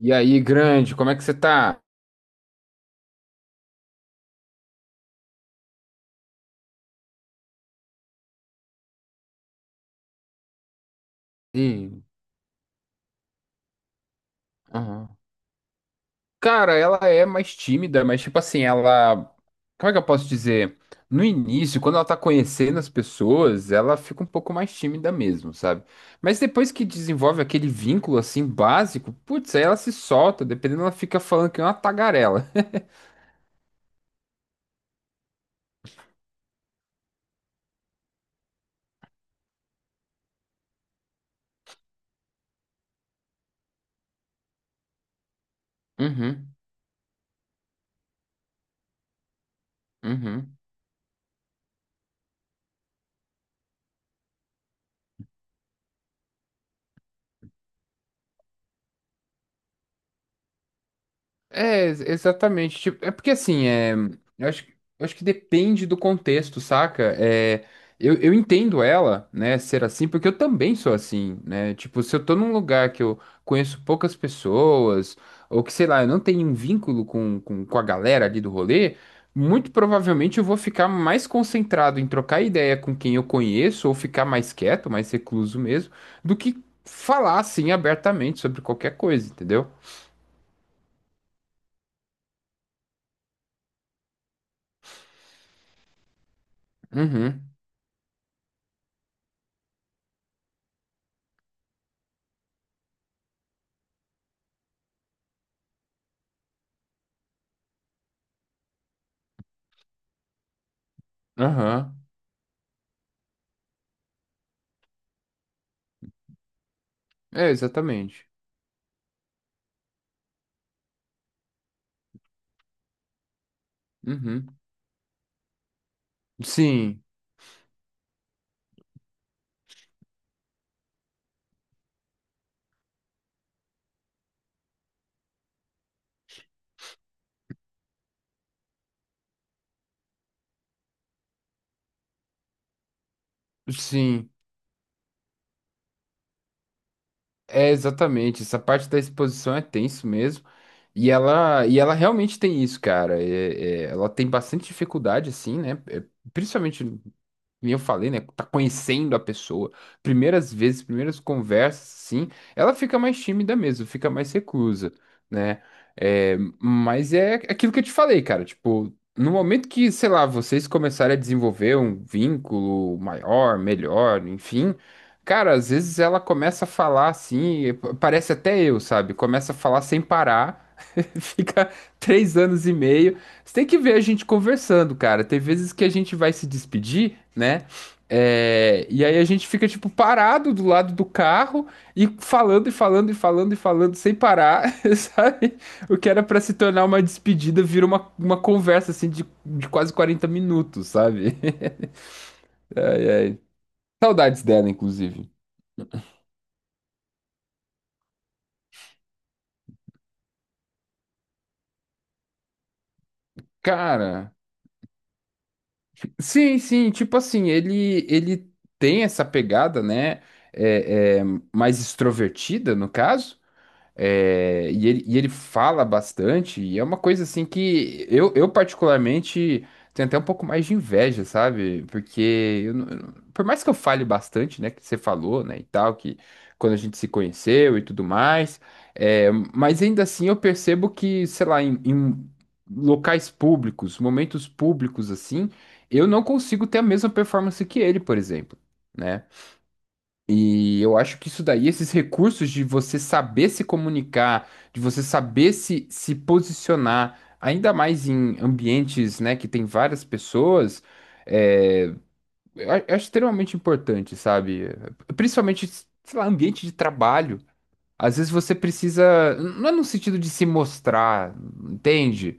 E aí, grande, como é que você tá? E- Aham. Cara, ela é mais tímida, mas tipo assim, ela. Como é que eu posso dizer? No início, quando ela tá conhecendo as pessoas, ela fica um pouco mais tímida mesmo, sabe? Mas depois que desenvolve aquele vínculo assim básico, putz, aí ela se solta, dependendo, ela fica falando que é uma tagarela. Uhum, uhum. Exatamente. Tipo, é porque assim, é, eu acho, que- eu acho que depende do contexto, saca? É, eu entendo ela, né, ser assim, porque eu também sou assim, né? Tipo, se eu tô num lugar que eu conheço poucas pessoas, ou que, sei lá, eu não tenho um vínculo com, com a galera ali do rolê, muito provavelmente eu vou ficar mais concentrado em trocar ideia com quem eu conheço, ou ficar mais quieto, mais recluso mesmo, do que falar assim abertamente sobre qualquer coisa, entendeu? Uhum. Aham. É, exatamente. Uhum. Sim, sim. É exatamente. Essa parte da exposição é tenso mesmo. E ela realmente tem isso, cara. É, ela tem bastante dificuldade, assim, né? É, principalmente. E eu falei, né? Tá conhecendo a pessoa. Primeiras vezes, primeiras conversas, sim. Ela fica mais tímida mesmo, fica mais reclusa, né? É, mas é aquilo que eu te falei, cara. Tipo, no momento que, sei lá, vocês começarem a desenvolver um vínculo maior, melhor, enfim. Cara, às vezes ela começa a falar assim, e parece até eu, sabe? Começa a falar sem parar. Fica 3 anos e meio. Você tem que ver a gente conversando, cara. Tem vezes que a gente vai se despedir, né? É, e aí a gente fica, tipo, parado do lado do carro e falando e falando e falando e falando sem parar, sabe? O que era pra se tornar uma despedida vira uma conversa, assim, de quase 40 minutos, sabe? Ai, ai. Saudades dela, inclusive. Cara. Sim, sim, tipo assim, ele tem essa pegada, né? É, mais extrovertida, no caso. É, e ele fala bastante, e é uma coisa assim que eu particularmente tenho até um pouco mais de inveja, sabe? Porque eu não- por mais que eu fale bastante, né, que você falou, né, e tal, que quando a gente se conheceu e tudo mais, é, mas ainda assim eu percebo que, sei lá, em locais públicos, momentos públicos assim, eu não consigo ter a mesma performance que ele, por exemplo. Né? E eu acho que isso daí, esses recursos de você saber se comunicar, de você saber se posicionar, ainda mais em ambientes, né, que tem várias pessoas, é, eu acho extremamente importante, sabe? Principalmente, sei lá, ambiente de trabalho. Às vezes você precisa, não é no sentido de se mostrar, entende?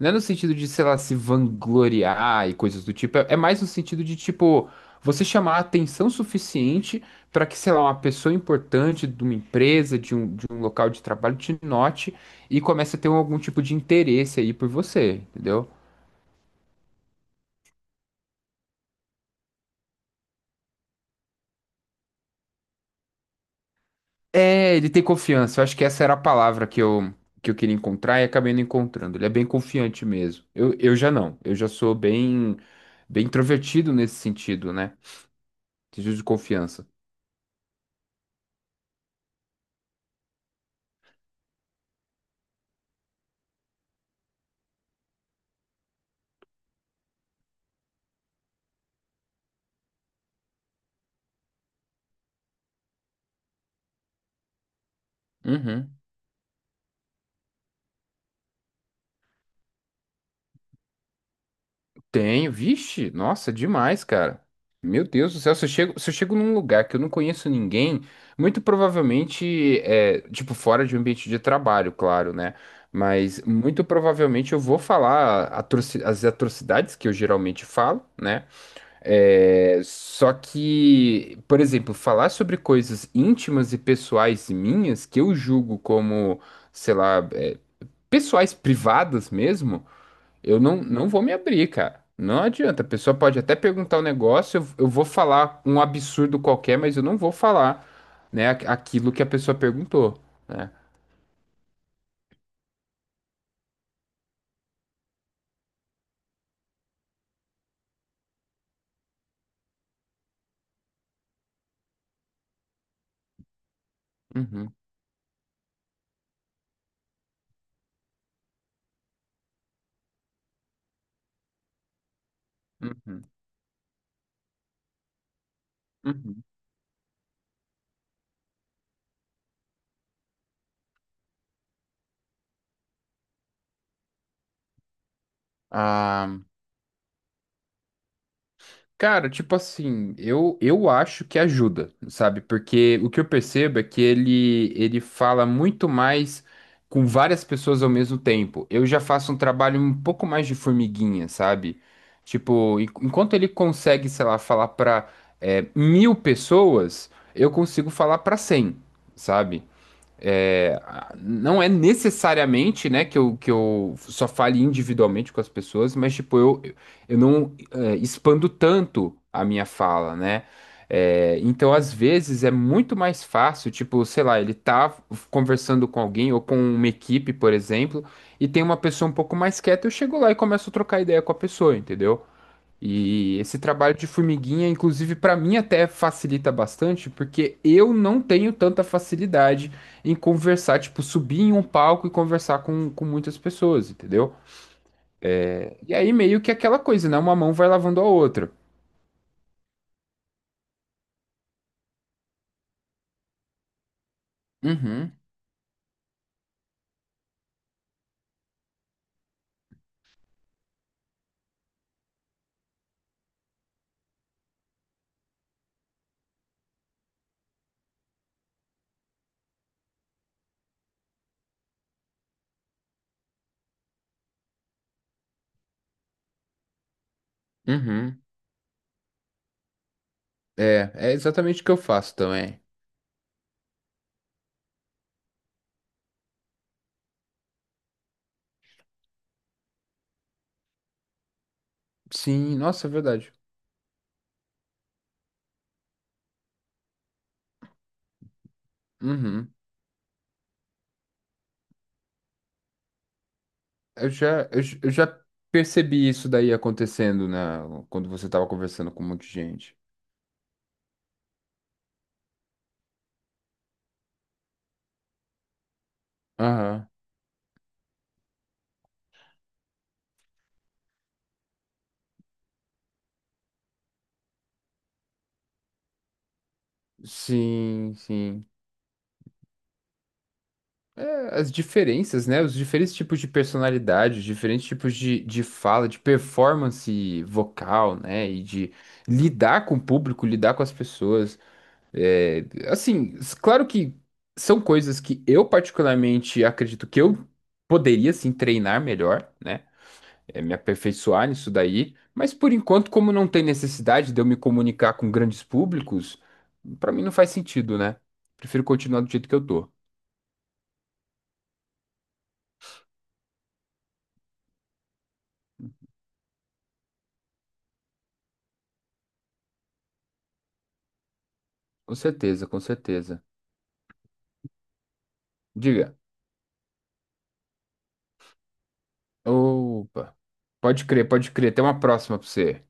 Não é no sentido de, sei lá, se vangloriar e coisas do tipo. É, é mais no sentido de, tipo, você chamar a atenção suficiente para que, sei lá, uma pessoa importante de uma empresa, de um local de trabalho te note e comece a ter algum tipo de interesse aí por você, entendeu? É, ele tem confiança. Eu acho que essa era a palavra que eu queria encontrar e acabei não encontrando. Ele é bem confiante mesmo. Eu já não. Eu já sou bem, bem introvertido nesse sentido, né? Sentido de confiança. Uhum. Tenho, vixe, nossa, demais, cara. Meu Deus do céu, se eu chego num lugar que eu não conheço ninguém, muito provavelmente, é, tipo, fora de um ambiente de trabalho, claro, né? Mas muito provavelmente eu vou falar as atrocidades que eu geralmente falo, né? É, só que, por exemplo, falar sobre coisas íntimas e pessoais minhas, que eu julgo como, sei lá, é, pessoais privadas mesmo, eu não vou me abrir, cara. Não adianta. A pessoa pode até perguntar um negócio, eu vou falar um absurdo qualquer, mas eu não vou falar, né, aquilo que a pessoa perguntou, né? Uhum, uhum, uhum. Ah, cara, tipo assim, eu acho que ajuda, sabe? Porque o que eu percebo é que ele fala muito mais com várias pessoas ao mesmo tempo. Eu já faço um trabalho um pouco mais de formiguinha, sabe? Tipo, enquanto ele consegue, sei lá, falar pra é, 1.000 pessoas, eu consigo falar pra 100, sabe? É, não é necessariamente, né, que eu só fale individualmente com as pessoas, mas, tipo, eu não é, expando tanto a minha fala, né? É, então, às vezes, é muito mais fácil, tipo, sei lá, ele tá conversando com alguém ou com uma equipe, por exemplo, e tem uma pessoa um pouco mais quieta, eu chego lá e começo a trocar ideia com a pessoa, entendeu? E esse trabalho de formiguinha, inclusive, para mim até facilita bastante, porque eu não tenho tanta facilidade em conversar, tipo, subir em um palco e conversar com muitas pessoas, entendeu? E aí meio que aquela coisa, né? Uma mão vai lavando a outra. Uhum, uhum. É, é exatamente o que eu faço também. Sim, nossa, é verdade. Uhum. Eu já percebi isso daí acontecendo, né? Quando você tava conversando com um monte de gente. Aham. Sim, sim. É, as diferenças, né? Os diferentes tipos de personalidade, os diferentes tipos de fala, de performance vocal, né? E de lidar com o público, lidar com as pessoas. É, assim, claro que são coisas que eu particularmente acredito que eu poderia, sim, treinar melhor, né? É, me aperfeiçoar nisso daí. Mas por enquanto, como não tem necessidade de eu me comunicar com grandes públicos, pra mim não faz sentido, né? Prefiro continuar do jeito que eu tô. Com certeza, com certeza. Diga. Opa. Pode crer, pode crer. Tem uma próxima pra você.